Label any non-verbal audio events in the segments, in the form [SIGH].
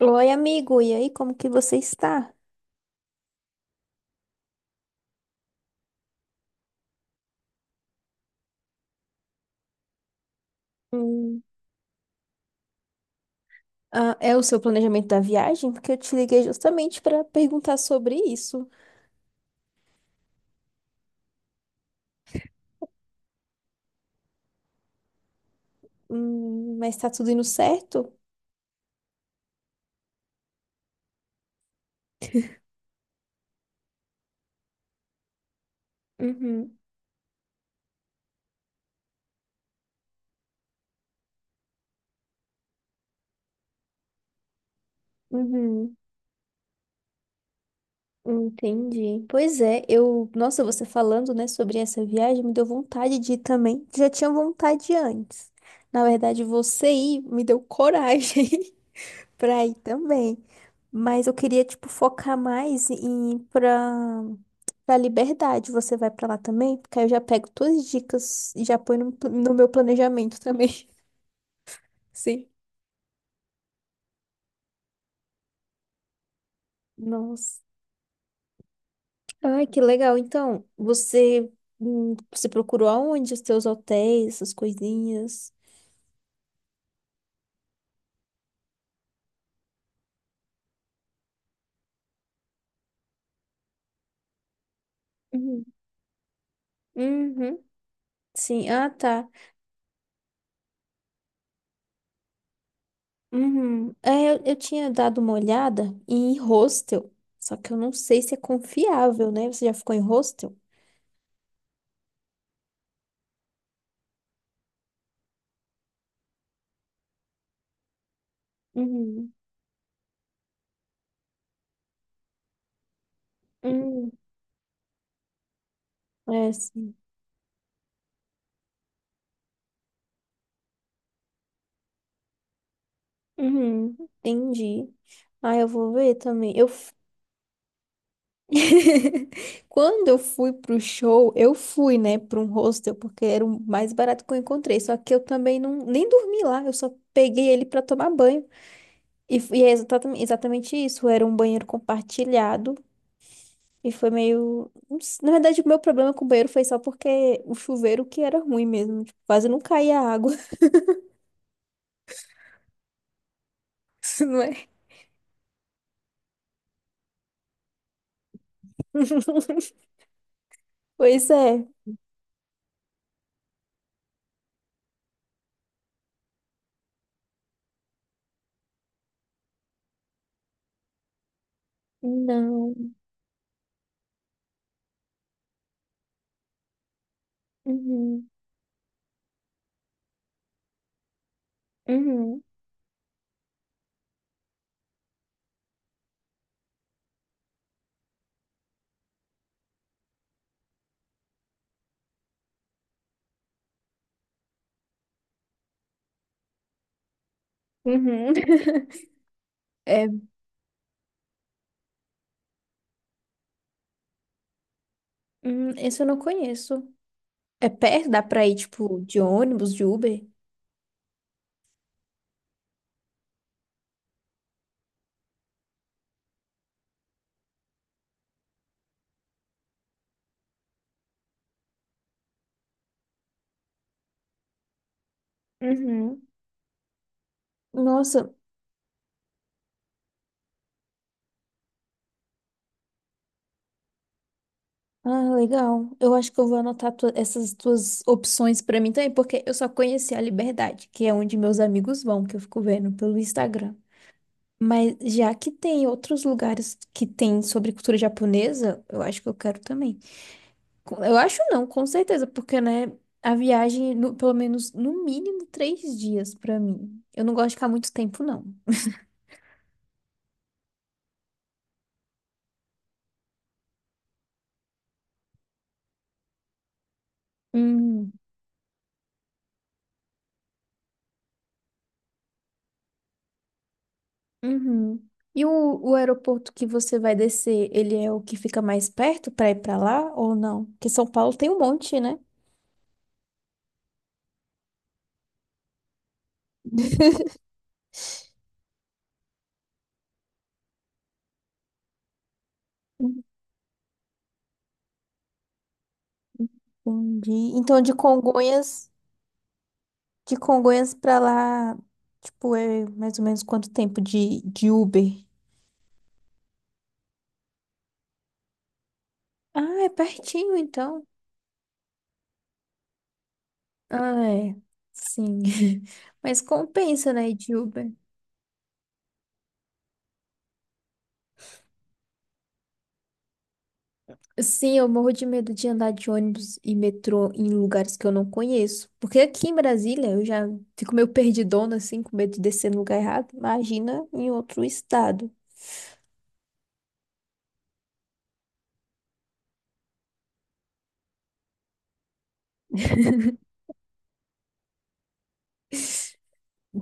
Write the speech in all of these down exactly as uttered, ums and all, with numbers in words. Oi, amigo, e aí, como que você está? Hum, Ah, é o seu planejamento da viagem? Porque eu te liguei justamente para perguntar sobre isso. Hum, mas tá tudo indo certo? Uhum, uhum, entendi. Pois é, eu, nossa, você falando, né, sobre essa viagem, me deu vontade de ir também. Já tinha vontade antes. Na verdade, você ir me deu coragem. Pra ir também. Mas eu, queria, tipo, focar mais em ir pra, pra Liberdade. Você vai pra lá também? Porque aí eu já pego todas as dicas e já ponho no, pl- no meu planejamento também. [LAUGHS] Sim. Nossa. Ai, que legal. Então, você, hum, você procurou aonde os teus hotéis, essas coisinhas? Uhum. Uhum. Sim. Ah, tá. Uhum. É, eu, eu tinha dado uma olhada em hostel, só que eu não sei se é confiável, né? Você já ficou em hostel? Uhum. Uhum. É, sim. Uhum. Entendi. Ah, eu vou ver também. Eu f- [LAUGHS] Quando eu fui pro show, eu fui, né, para um hostel, porque era o mais barato que eu encontrei. Só que eu também não nem dormi lá, eu só peguei ele para tomar banho. E, f- e é exatamente, exatamente isso, era um banheiro compartilhado. E foi meio. Não s- Na verdade, o meu problema com o banheiro foi só porque o chuveiro que era ruim mesmo. Tipo, quase não caía água, [LAUGHS] não é? [LAUGHS] Pois é. Não. Uhum. Uhum. Uhum. [LAUGHS] É, hum, esse eu não conheço. É perto? Dá pra ir, tipo, de ônibus, de Uber? Uhum. Nossa, ah, legal. Eu acho que eu vou anotar tu- essas tuas opções pra mim também, porque eu só conheci a Liberdade, que é onde meus amigos vão, que eu fico vendo pelo Instagram. Mas já que tem outros lugares que tem sobre cultura japonesa, eu acho que eu quero também. Com- Eu acho não, com certeza, porque, né, a viagem, no- pelo menos, no mínimo, três dias pra mim. Eu não gosto de ficar muito tempo, não. Hum, uhum. E o, o aeroporto que você vai descer, ele é o que fica mais perto pra ir pra lá ou não? Porque São Paulo tem um monte, né? [LAUGHS] Entendi. Então, de Congonhas, de Congonhas pra lá, tipo, é mais ou menos quanto tempo de, de Uber? Ah, é pertinho, então. Ah, é. Sim. [LAUGHS] Mas compensa, né, ir de Uber? Sim, eu morro de medo de andar de ônibus e metrô em lugares que eu não conheço. Porque aqui em Brasília eu já fico meio perdidona, assim, com medo de descer no lugar errado. Imagina em outro estado.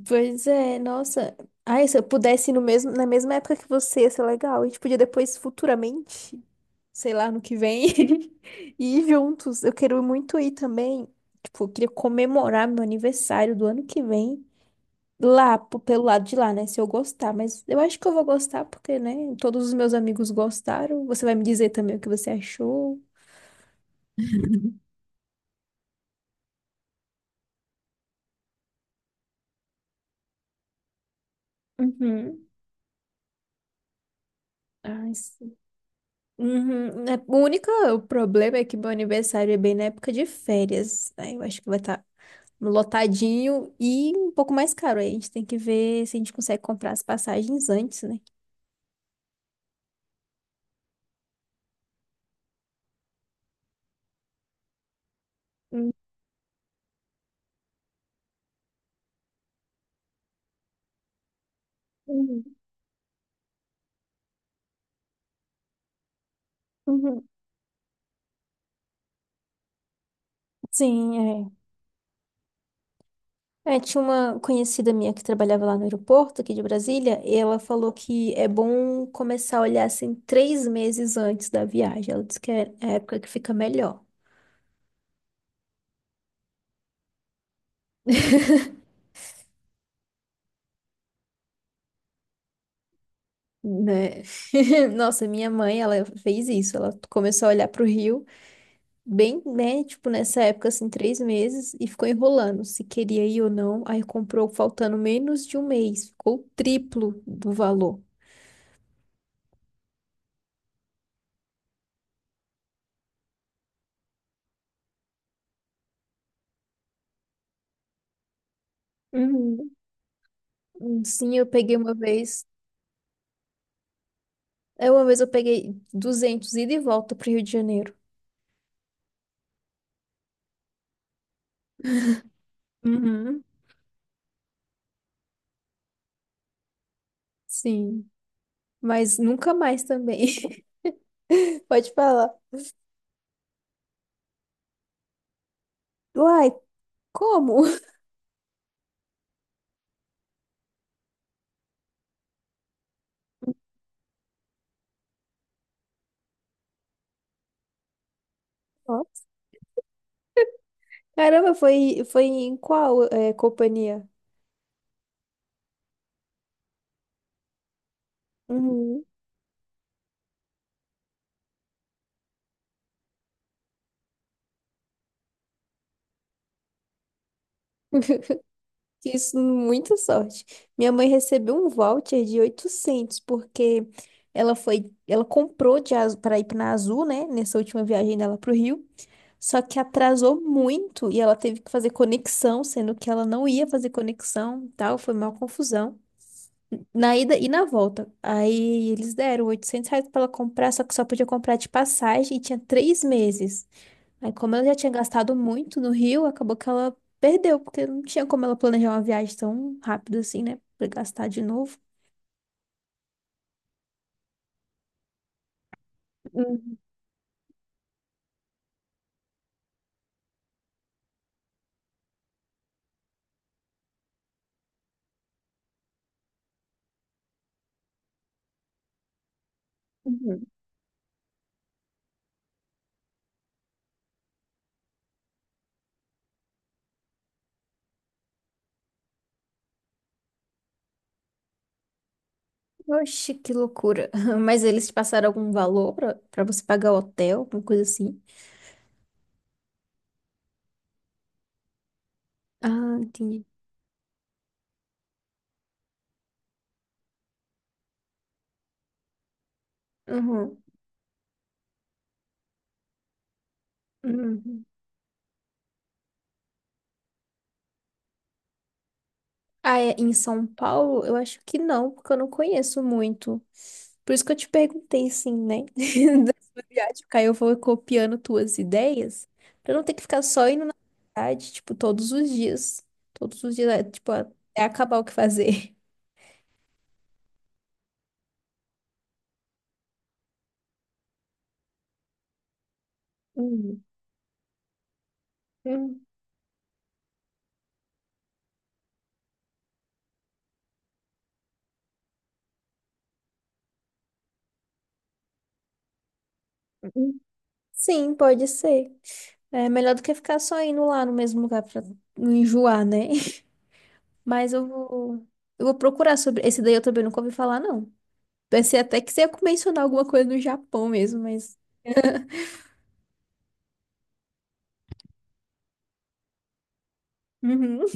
Pois é, nossa. Ai, se eu pudesse ir no mesmo, na mesma época que você, ia ser legal. A gente podia depois, futuramente, sei lá, no que vem, [LAUGHS] ir juntos. Eu quero muito ir também. Tipo, eu, queria comemorar meu aniversário do ano que vem lá, p- pelo lado de lá, né? Se eu gostar. Mas eu acho que eu vou gostar porque, né? Todos os meus amigos gostaram. Você vai me dizer também o que você achou. Uhum. Ai, uhum, né, o único problema é que meu aniversário é bem na época de férias, né? Eu acho que vai estar lotadinho e um pouco mais caro. Aí a gente tem que ver se a gente consegue comprar as passagens antes, né? Uhum. Uhum. Sim, é. É, tinha uma conhecida minha que trabalhava lá no aeroporto, aqui de Brasília, e ela falou que é bom começar a olhar assim três meses antes da viagem. Ela disse que é a época que fica melhor, né? [LAUGHS] Nossa, minha mãe, ela fez isso. Ela começou a olhar para o Rio. Bem, né, tipo, nessa época, assim, três meses, e ficou enrolando se queria ir ou não. Aí comprou faltando menos de um mês, ficou o triplo do valor. Uhum. Hum, sim, eu peguei uma vez, é uma vez eu peguei duzentos ida e volta pro Rio de Janeiro. Uhum. Sim, mas nunca mais também. [LAUGHS] Pode falar. Uai, como? Ó. Caramba, foi, foi em qual, é, companhia? Uhum. Isso, muita sorte. Minha mãe recebeu um voucher de oitocentos porque ela foi, ela comprou de para ir na Azul, né, nessa última viagem dela pro Rio, só que atrasou muito e ela teve que fazer conexão, sendo que ela não ia fazer conexão, e tal, foi uma confusão. Na ida e na volta. Aí eles deram oitocentos reais para ela comprar, só que só podia comprar de passagem e tinha três meses. Aí, como ela já tinha gastado muito no Rio, acabou que ela perdeu, porque não tinha como ela planejar uma viagem tão rápido assim, né? Pra gastar de novo. Uhum. Uhum. Oxe, que loucura. [LAUGHS] Mas eles te passaram algum valor pra, pra, você pagar o hotel, alguma coisa assim? Ah, entendi. Uhum. Uhum. Ah, é, em São Paulo, eu acho que não, porque eu não conheço muito. Por isso que eu te perguntei, assim, né? [LAUGHS] Da sua viagem, porque aí eu vou copiando tuas ideias, pra não ter que ficar só indo na cidade, tipo, todos os dias. Todos os dias, é, tipo, até acabar o que fazer. [LAUGHS] Hum, hum, hum. Sim, pode ser. É melhor do que ficar só indo lá no mesmo lugar pra não enjoar, né? [LAUGHS] Mas eu vou, eu vou procurar sobre. Esse daí eu também nunca ouvi falar, não. Pensei até que você ia mencionar alguma coisa do Japão mesmo, mas. Uhum.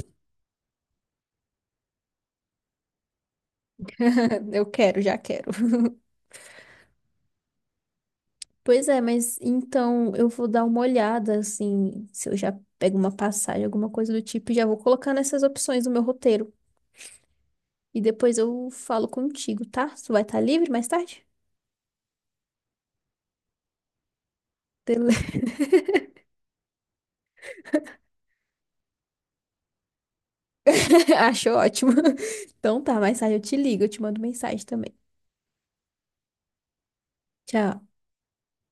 [LAUGHS] Eu quero, já quero. Pois é, mas então eu vou dar uma olhada, assim, se eu já pego uma passagem, alguma coisa do tipo, e já vou colocar nessas opções do meu roteiro. E depois eu falo contigo, tá? Tu vai estar livre mais tarde? Tele- [LAUGHS] Acho ótimo. Então tá, mais tarde eu te ligo, eu te mando mensagem também. Tchau.